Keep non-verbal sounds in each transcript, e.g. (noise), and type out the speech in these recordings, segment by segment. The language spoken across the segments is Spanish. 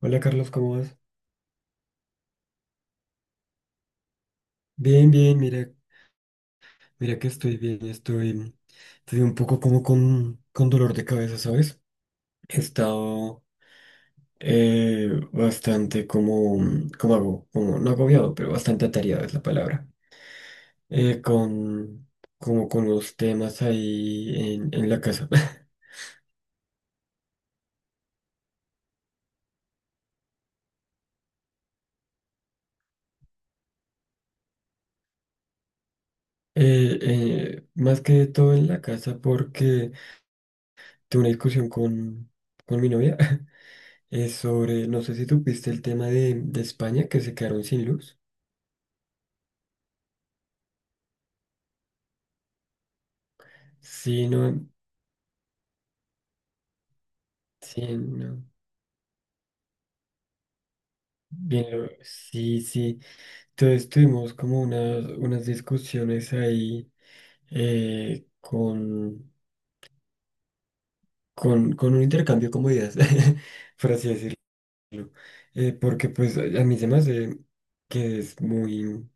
Hola Carlos, ¿cómo vas? Bien, bien, mira, mira que estoy bien, estoy, estoy un poco como con dolor de cabeza, ¿sabes? He estado bastante como no agobiado, pero bastante atareado es la palabra, eh, con, como con los temas ahí en la casa. (laughs) Más que todo en la casa porque tuve una discusión con mi novia. (laughs) No sé si tú viste el tema de España, que se quedaron sin luz. Sí, no, sí, no. Bien, sí, sí. Entonces tuvimos como unas discusiones ahí eh, con, con un intercambio como ideas, (laughs) por así decirlo. Porque pues a mí se me hace que es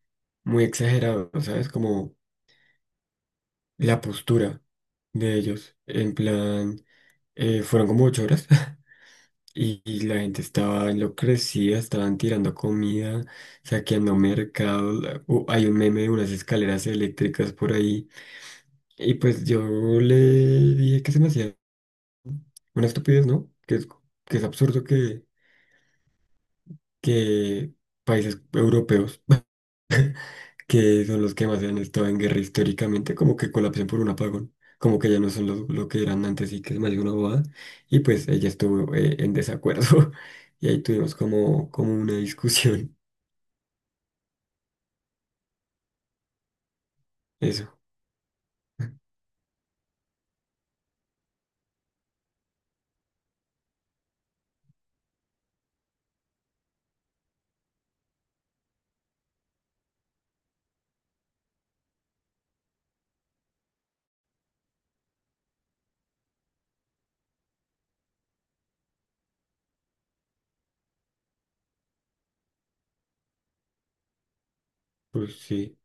muy exagerado, ¿sabes? Como la postura de ellos. En plan, fueron como 8 horas. (laughs) Y, y la gente estaba enloquecida, estaban tirando comida, saqueando mercados. Hay un meme de unas escaleras eléctricas por ahí. Y pues yo le dije que se me hacía una estupidez, ¿no? Que es absurdo que países europeos, (laughs) que son los que más han estado en guerra históricamente, como que colapsen por un apagón. Como que ya no son lo que eran antes, y que es más de una bobada. Y pues ella estuvo en desacuerdo. (laughs) Y ahí tuvimos como una discusión. (laughs) Eso. Pues sí.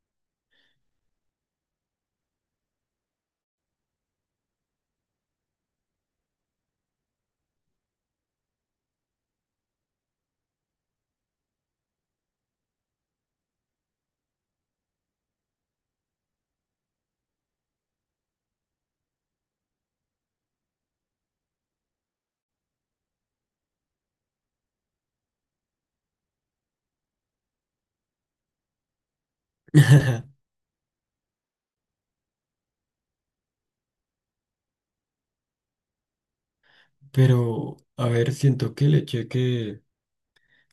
(laughs) Pero, a ver, siento que el hecho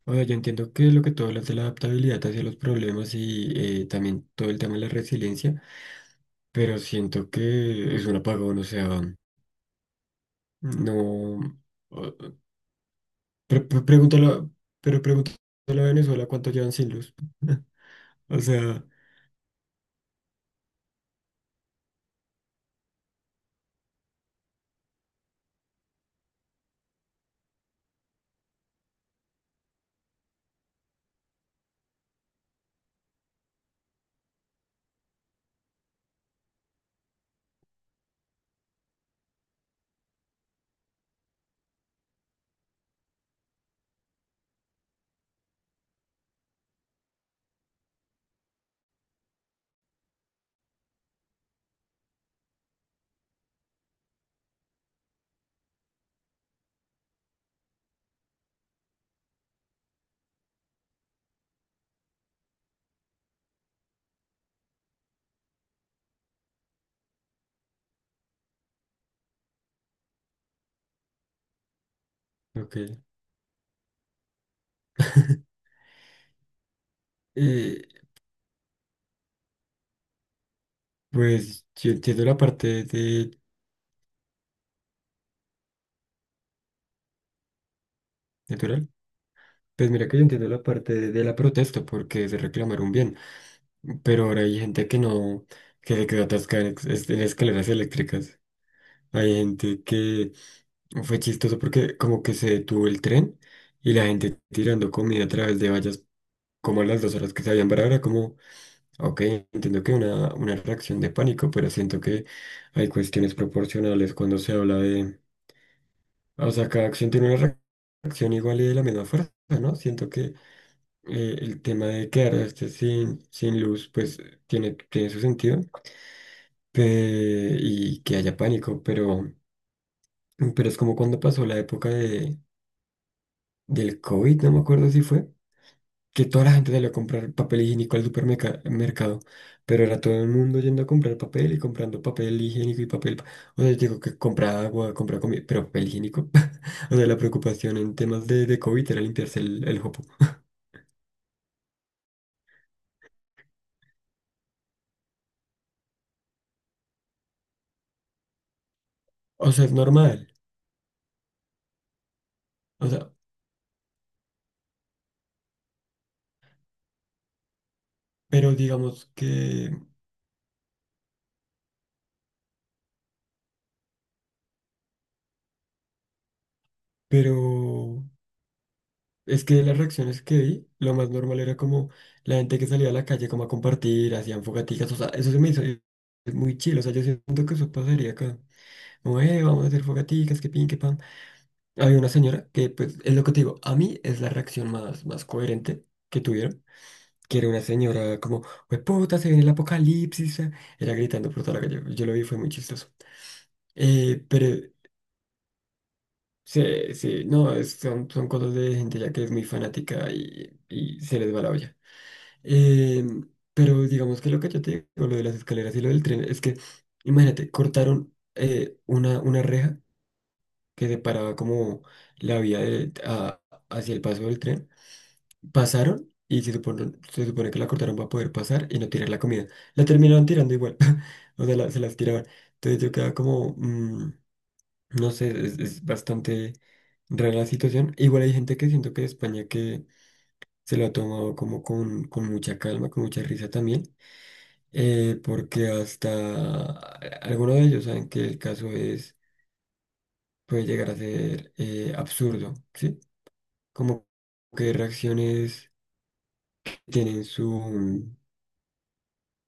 o sea, yo entiendo que lo que todo hablas de la adaptabilidad hacia los problemas y también todo el tema de la resiliencia, pero siento que es un apagón, o sea, no... o- pregúntalo, pero pregúntalo a Venezuela cuánto llevan sin luz. (laughs) O sea, ok. Eh, pues yo entiendo la parte de natural. Pues mira que yo entiendo la parte de la protesta, porque es reclamar un bien. Pero ahora hay gente que no, que se quedó atascada en, en escaleras eléctricas. Hay gente que fue chistoso porque como que se detuvo el tren y la gente tirando comida a través de vallas como a las 2 horas que se habían parado. Era como, ok, entiendo que una reacción de pánico, pero siento que hay cuestiones proporcionales cuando se habla de... O sea, cada acción tiene una reacción igual y de la misma fuerza, ¿no? Siento que el tema de quedarse sin, sin luz, pues tiene su sentido. Y que haya pánico, pero es como cuando pasó la época de, del COVID, no me acuerdo si fue, que toda la gente salió a comprar papel higiénico al supermercado, pero era todo el mundo yendo a comprar papel y comprando papel higiénico y papel, o sea, digo que compra agua, compra comida, pero papel higiénico. (laughs) O sea, la preocupación en temas de COVID era limpiarse el jopo, o sea, es normal. O sea, pero digamos que, pero... Es que de las reacciones que vi, lo más normal era como la gente que salía a la calle como a compartir, hacían fogaticas, o sea, eso se me hizo muy chido. O sea, yo siento que eso pasaría acá. Como, vamos a hacer fogaticas, que pin, que pan. Había una señora que, pues, es lo que te digo, a mí es la reacción más coherente que tuvieron, que era una señora como, pues puta, se viene el apocalipsis, ah", era gritando por toda la calle, yo lo vi, fue muy chistoso. Pero... Sí, sí, no, son cosas de gente ya que es muy fanática y se les va la olla. Eh, pero digamos que lo que yo te digo, lo de las escaleras y lo del tren, es que, imagínate, cortaron una reja que separaba como la vía hacia el paso del tren. Pasaron y se supone que la cortaron para poder pasar y no tirar la comida. La terminaron tirando igual. (laughs) O sea, se las tiraban. Entonces yo quedaba como, no sé, es bastante rara la situación. Igual hay gente que siento que de España que se lo ha tomado como con mucha calma, con mucha risa también, porque hasta algunos de ellos saben que el caso es, puede llegar a ser absurdo, ¿sí? Como que reacciones que tienen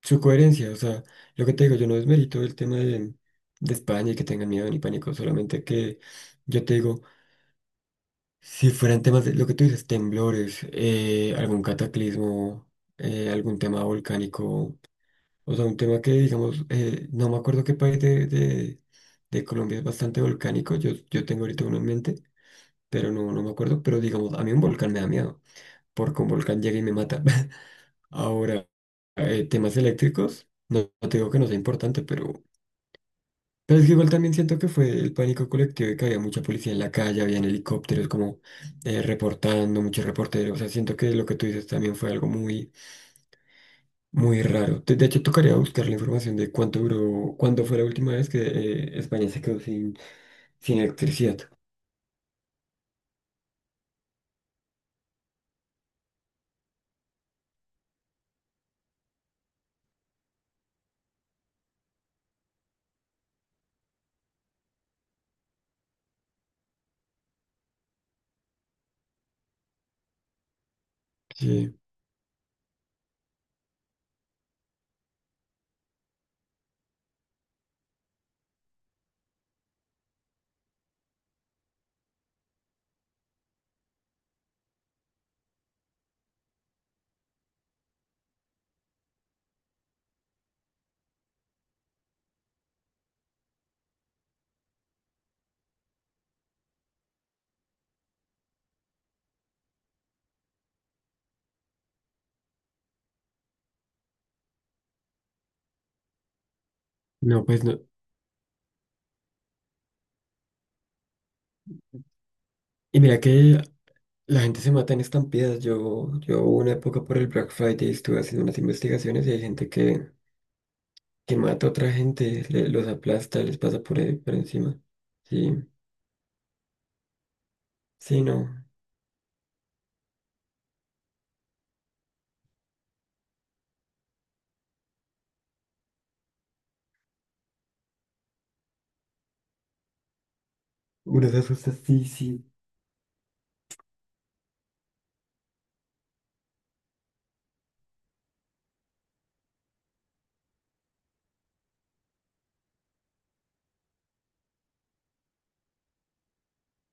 su coherencia. O sea, lo que te digo, yo no desmerito el tema de España y que tengan miedo ni pánico, solamente que yo te digo, si fueran temas de lo que tú dices, temblores, algún cataclismo, algún tema volcánico. O sea, un tema que, digamos, no me acuerdo qué país de Colombia es bastante volcánico. Yo tengo ahorita uno en mente, pero no, no me acuerdo. Pero, digamos, a mí un volcán me da miedo, porque un volcán llega y me mata. (laughs) Ahora, temas eléctricos, no, no te digo que no sea importante, pero es que igual también siento que fue el pánico colectivo, y que había mucha policía en la calle, habían helicópteros como reportando, muchos reporteros. O sea, siento que lo que tú dices también fue algo muy muy raro. De hecho, tocaría buscar la información de cuánto duró, cuándo fue la última vez que España se quedó sin, sin electricidad. Sí, no, pues no. Y mira que la gente se mata en estampidas. Yo hubo una época por el Black Friday, estuve haciendo unas investigaciones, y hay gente que mata a otra gente, los aplasta, les pasa por encima. Sí, sí, no. Uno se asusta, sí, sí.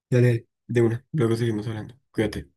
Dale, de una. Luego seguimos hablando. Cuídate.